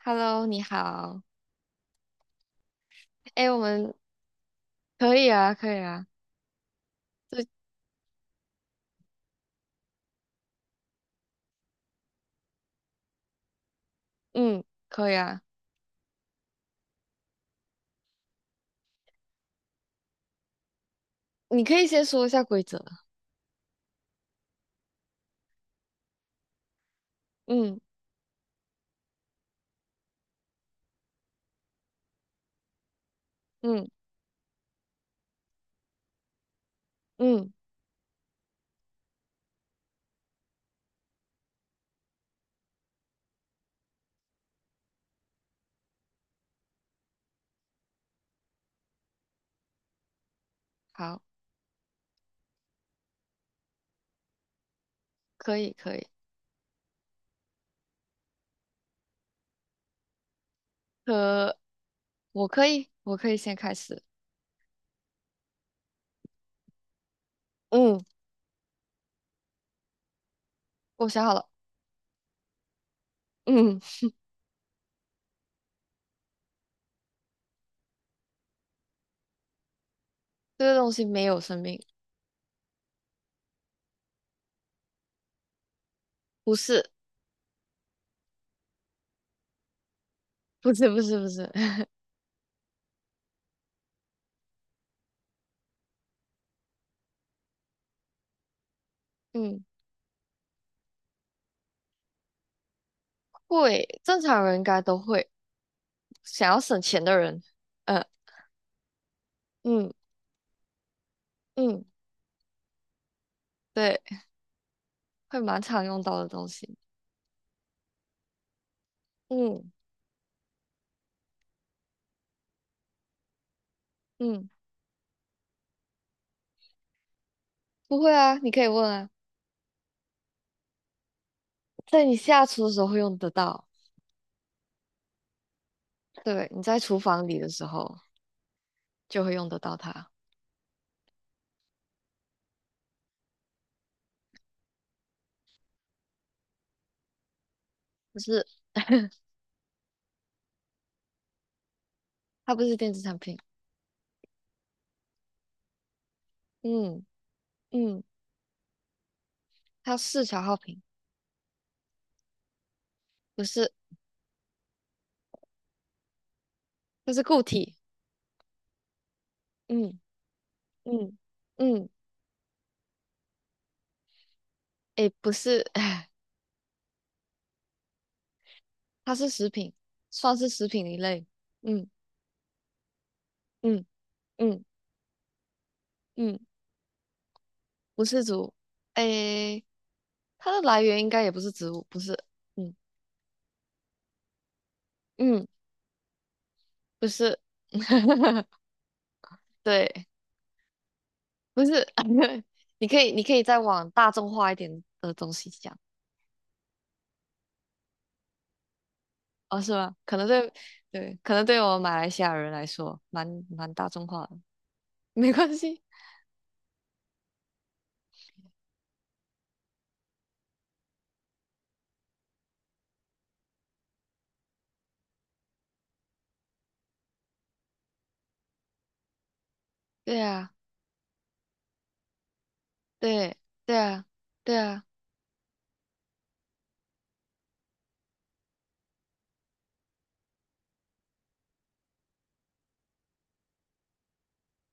Hello，你好。哎，我们可以啊，可以啊，这嗯，可以啊。你可以先说一下规则。嗯嗯嗯，好，可以可以。可我可以，我可以先开始。嗯，我想好了。嗯，这个东西没有生命，不是，不是，不是，不是。嗯，会，正常人应该都会。想要省钱的人，嗯嗯嗯，对，会蛮常用到的东西。嗯嗯，不会啊，你可以问啊。在你下厨的时候会用得到，对，你在厨房里的时候就会用得到它。不是，它不是电子产品，嗯嗯，它是消耗品，不是，它是固体，嗯嗯嗯，诶，不是，它是食品，算是食品一类，嗯嗯嗯嗯，不是植物，诶，它的来源应该也不是植物，不是，嗯嗯，不是，对，不是，你可以，你可以再往大众化一点的东西想。哦，是吗？可能对，对，可能对我们马来西亚人来说，蛮大众化的，没关系。对啊，对，对啊，对啊，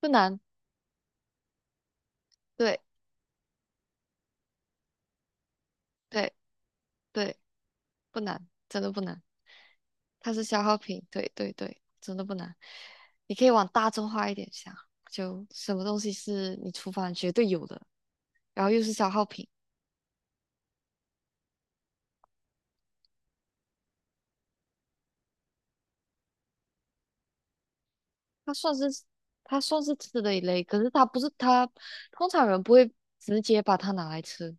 不难，对，对，对，不难，真的不难。它是消耗品，对，对，对，真的不难。你可以往大众化一点想，就什么东西是你厨房绝对有的，然后又是消耗品。它算是它算是吃的一类，可是它不是它，通常人不会直接把它拿来吃。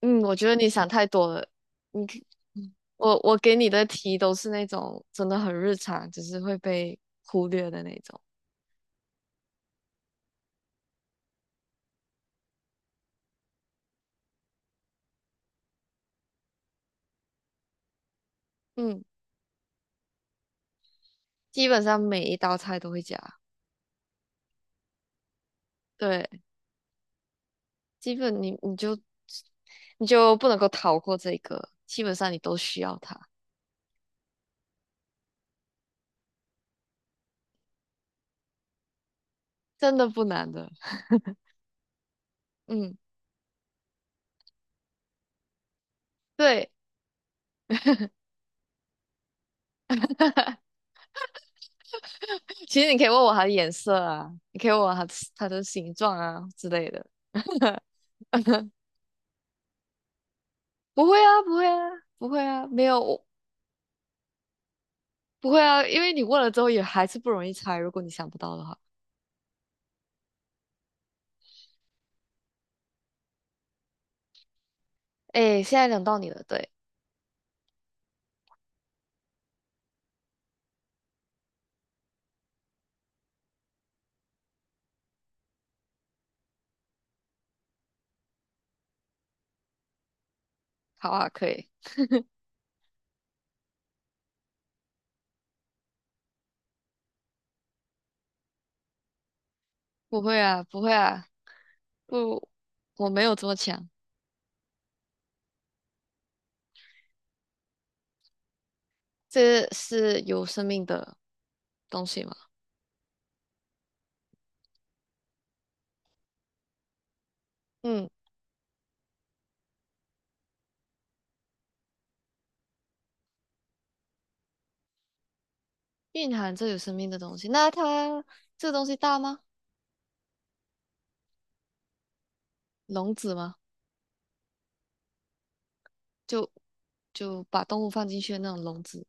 嗯，我觉得你想太多了。你可，嗯我我给你的题都是那种真的很日常，只是会被忽略的那种。嗯，基本上每一道菜都会加。对，基本你你就你就不能够逃过这个，基本上你都需要它，真的不难的。嗯，对。其实你可以问我它的颜色啊，你可以问我它它的形状啊之类的。不会啊，不会啊，不会啊，没有，我不会啊，因为你问了之后也还是不容易猜，如果你想不到的话。哎，现在轮到你了，对，好啊，可以。不会啊，不会啊，不，我没有这么强。这是有生命的东西吗？嗯，蕴含着有生命的东西。那它这个东西大吗？笼子吗？就就把动物放进去的那种笼子。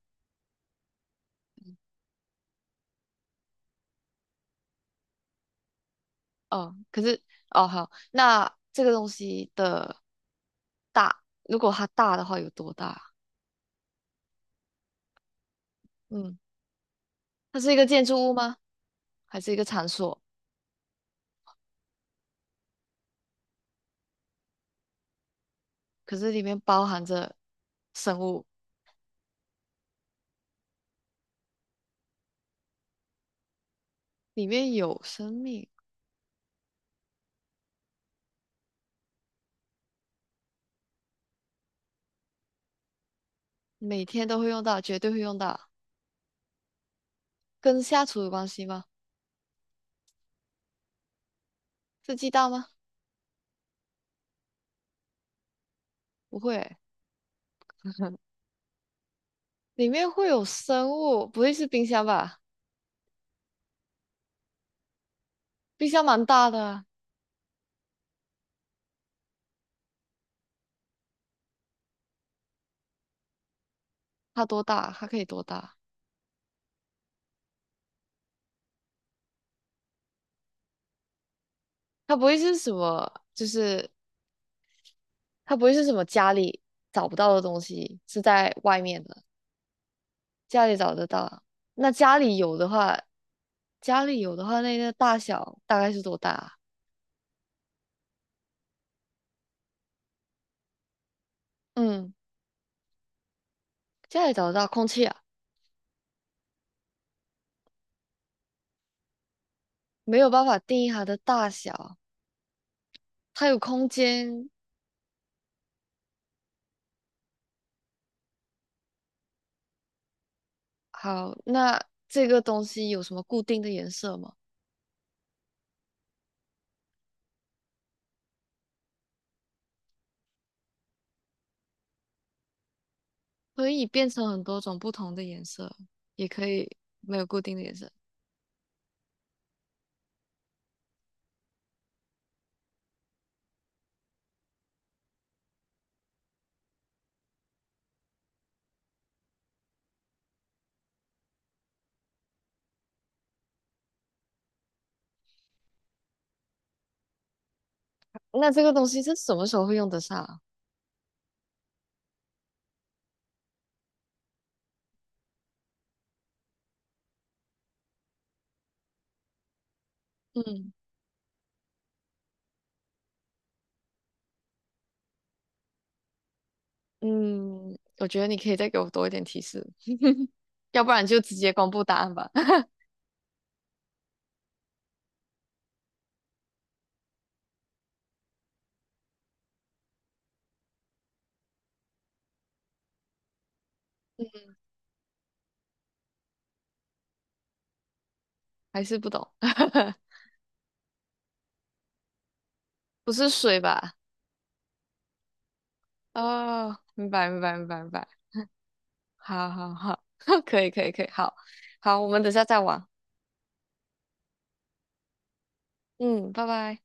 哦，可是哦好，那这个东西的大，如果它大的话有多大？嗯，它是一个建筑物吗？还是一个场所？可是里面包含着生物，里面有生命，每天都会用到，绝对会用到。跟下厨有关系吗？是鸡蛋吗？不会欸。 里面会有生物，不会是冰箱吧？冰箱蛮大的啊，它多大？它可以多大？它不会是什么？就是它不会是什么家里找不到的东西，是在外面的，家里找得到啊。那家里有的话，家里有的话，那个大小大概是多大啊？嗯，家里找得到空气啊，没有办法定义它的大小，它有空间。好，那这个东西有什么固定的颜色吗？可以变成很多种不同的颜色，也可以没有固定的颜色。那这个东西是什么时候会用得上啊？嗯嗯，我觉得你可以再给我多一点提示。要不然就直接公布答案吧。还是不懂，不是水吧？哦，明白，明白，明白，明白。好好好，可以，可以，可以，好，好，我们等下再玩。嗯，拜拜。